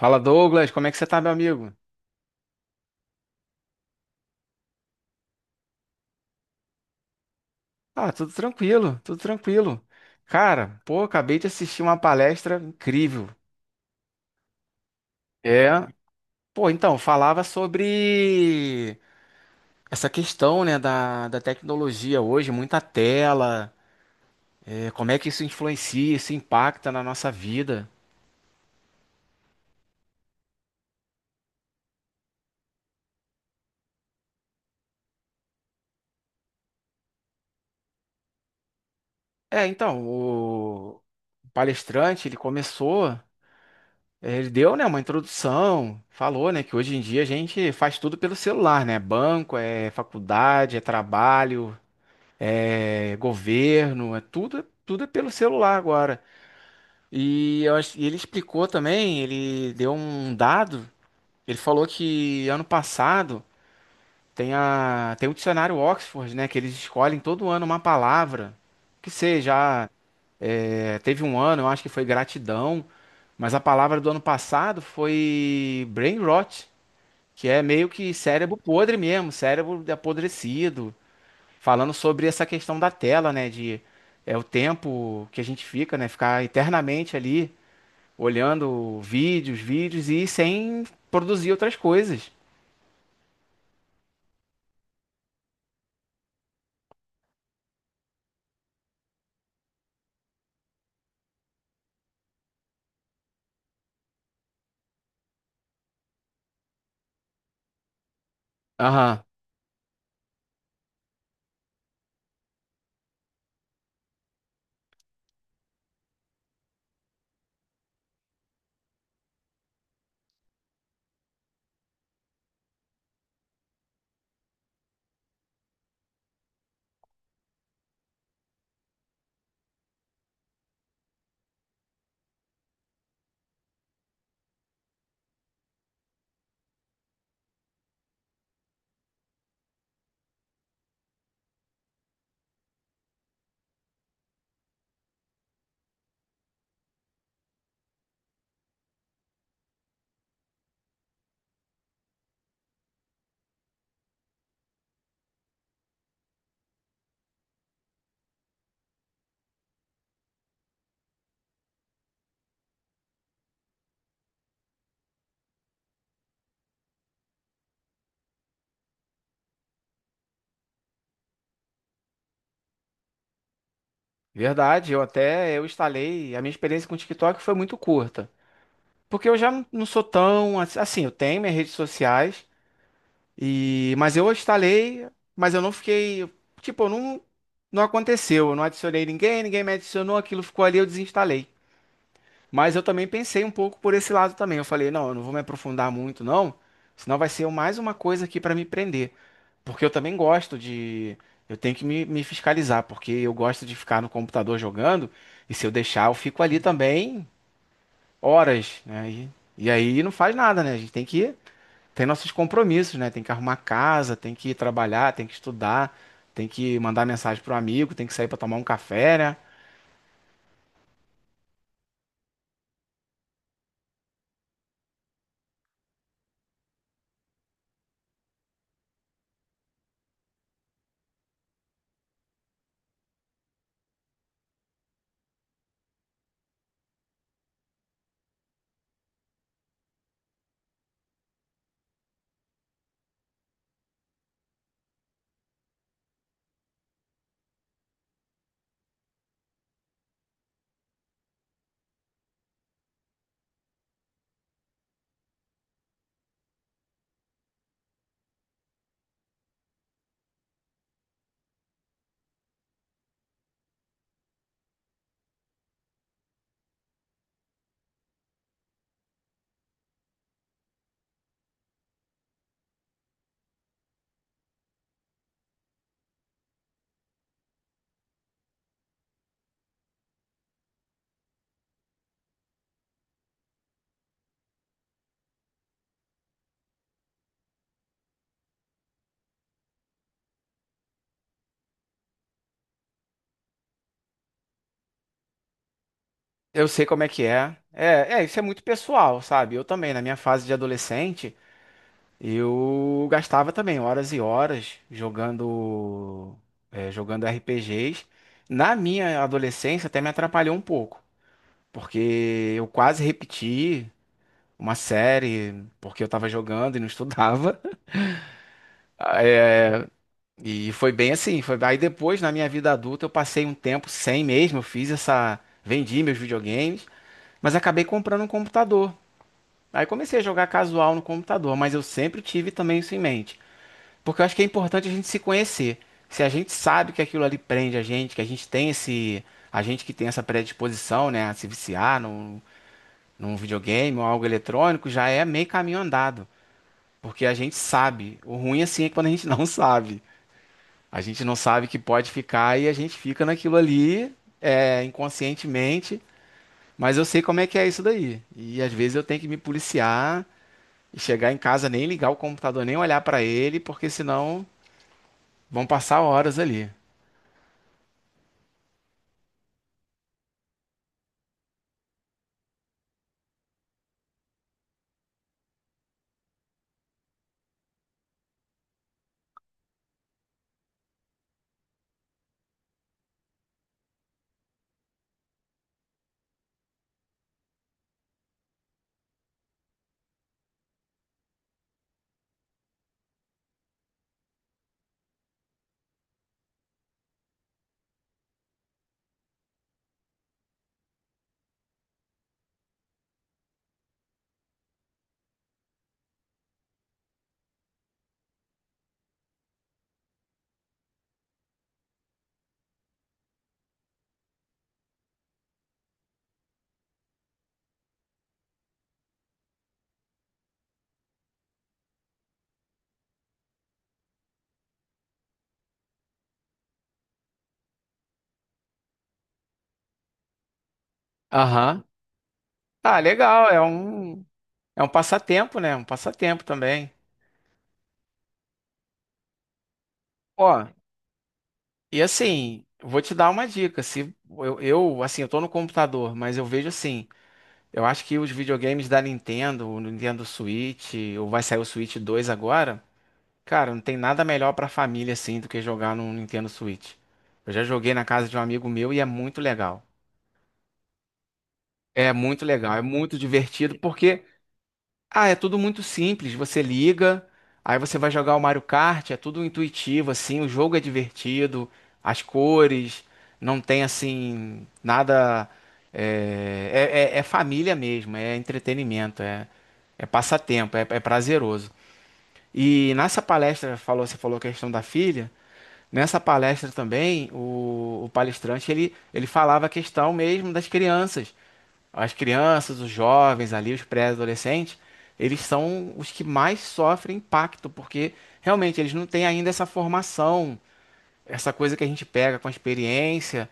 Fala, Douglas, como é que você tá, meu amigo? Ah, tudo tranquilo, tudo tranquilo. Cara, pô, acabei de assistir uma palestra incrível. É, pô, então, falava sobre essa questão, né, da tecnologia hoje, muita tela, como é que isso influencia, isso impacta na nossa vida. O palestrante, ele começou. É, Ele deu, né, uma introdução, falou, né, que hoje em dia a gente faz tudo pelo celular, né? Banco, é faculdade, é trabalho, é governo, é tudo, é tudo é pelo celular agora. E ele explicou também, ele deu um dado, ele falou que ano passado tem o dicionário Oxford, né, que eles escolhem todo ano uma palavra que seja, é, teve um ano, eu acho que foi gratidão, mas a palavra do ano passado foi brain rot, que é meio que cérebro podre mesmo, cérebro apodrecido, falando sobre essa questão da tela, né, de é o tempo que a gente fica, né, ficar eternamente ali olhando vídeos, vídeos e sem produzir outras coisas. Aham, verdade. Eu instalei. A minha experiência com o TikTok foi muito curta. Porque eu já não sou tão. Assim, eu tenho minhas redes sociais, e, mas eu instalei, mas eu não fiquei, tipo, eu não, não aconteceu, eu não adicionei ninguém, ninguém me adicionou, aquilo ficou ali, eu desinstalei. Mas eu também pensei um pouco por esse lado também. Eu falei, não, eu não vou me aprofundar muito, não, senão vai ser mais uma coisa aqui para me prender. Porque eu também gosto de, eu tenho que me fiscalizar, porque eu gosto de ficar no computador jogando, e se eu deixar, eu fico ali também horas, né? E aí não faz nada, né? A gente tem que Tem nossos compromissos, né? Tem que arrumar casa, tem que ir trabalhar, tem que estudar, tem que mandar mensagem pro amigo, tem que sair pra tomar um café, né? Eu sei como é que é. Isso é muito pessoal, sabe? Eu também, na minha fase de adolescente, eu gastava também horas e horas jogando, jogando RPGs. Na minha adolescência até me atrapalhou um pouco, porque eu quase repeti uma série porque eu tava jogando e não estudava. E foi bem assim, foi aí depois na minha vida adulta eu passei um tempo sem mesmo, eu fiz essa, vendi meus videogames, mas acabei comprando um computador. Aí comecei a jogar casual no computador, mas eu sempre tive também isso em mente, porque eu acho que é importante a gente se conhecer. Se a gente sabe que aquilo ali prende a gente, que a gente que tem essa predisposição, né, a se viciar num videogame ou algo eletrônico, já é meio caminho andado, porque a gente sabe. O ruim assim é quando a gente não sabe. A gente não sabe que pode ficar e a gente fica naquilo ali, é, inconscientemente, mas eu sei como é que é isso daí. E às vezes eu tenho que me policiar e chegar em casa, nem ligar o computador, nem olhar pra ele, porque senão vão passar horas ali. Aham. Ah, legal, é um passatempo, né? Um passatempo também. Ó, e assim, vou te dar uma dica. Se eu, eu, assim, eu tô no computador, mas eu vejo assim. Eu acho que os videogames da Nintendo, o Nintendo Switch, ou vai sair o Switch 2 agora, cara, não tem nada melhor pra família assim do que jogar no Nintendo Switch. Eu já joguei na casa de um amigo meu e é muito legal. É muito legal, é muito divertido porque, ah, é tudo muito simples. Você liga, aí você vai jogar o Mario Kart, é tudo intuitivo, assim, o jogo é divertido, as cores, não tem assim, nada. É, é família mesmo, é entretenimento, é, é passatempo, é, é prazeroso. E nessa palestra, falou, você falou a questão da filha, nessa palestra também, o palestrante ele falava a questão mesmo das crianças. As crianças, os jovens ali, os pré-adolescentes, eles são os que mais sofrem impacto, porque realmente eles não têm ainda essa formação, essa coisa que a gente pega com a experiência,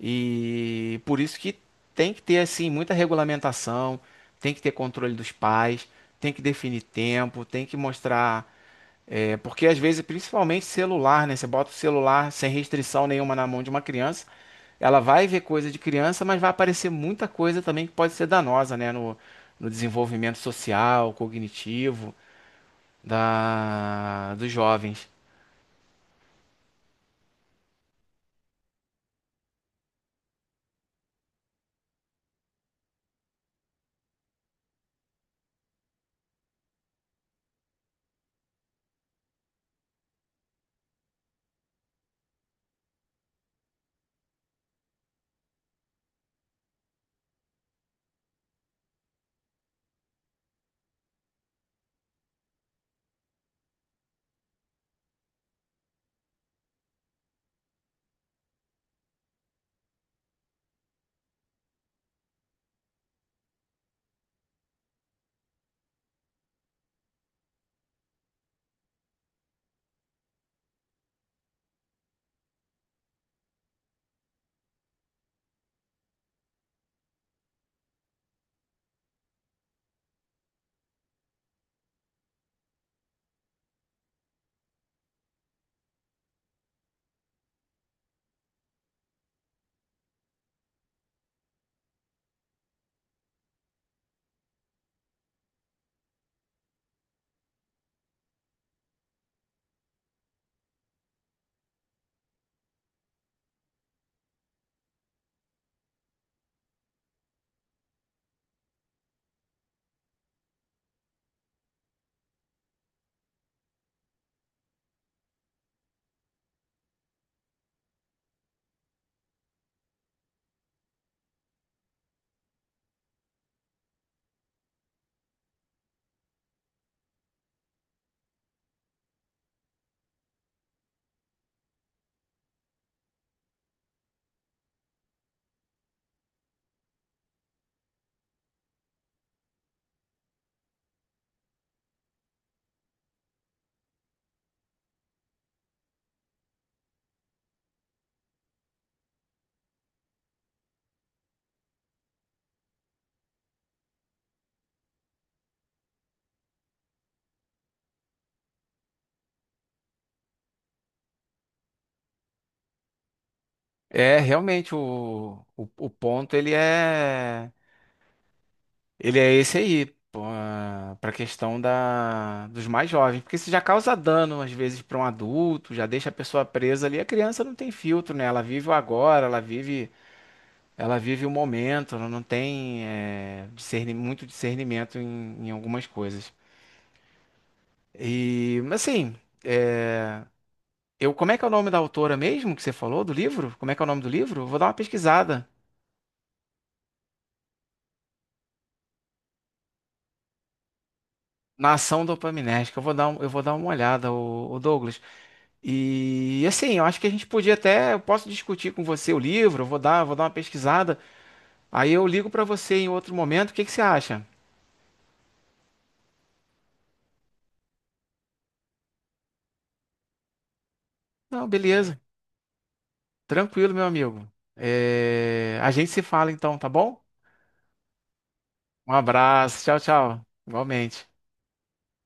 e por isso que tem que ter assim muita regulamentação, tem que ter controle dos pais, tem que definir tempo, tem que mostrar é porque às vezes, principalmente celular, né? Você bota o celular sem restrição nenhuma na mão de uma criança, ela vai ver coisa de criança, mas vai aparecer muita coisa também que pode ser danosa, né? No, no desenvolvimento social, cognitivo dos jovens. É, realmente, o ponto ele é esse aí, para a questão dos mais jovens, porque isso já causa dano às vezes para um adulto, já deixa a pessoa presa ali. A criança não tem filtro, né? Ela vive o agora, ela vive o momento, ela não tem é, muito discernimento em algumas coisas. E, mas assim, é, eu, como é que é o nome da autora mesmo que você falou do livro? Como é que é o nome do livro? Eu vou dar uma pesquisada. Nação Dopaminérgica, eu vou dar uma olhada, o, Douglas. E assim, eu acho que a gente podia até, eu posso discutir com você o livro, vou dar uma pesquisada. Aí eu ligo pra você em outro momento, o que que você acha? Não, beleza. Tranquilo, meu amigo. É, a gente se fala então, tá bom? Um abraço, tchau, tchau. Igualmente.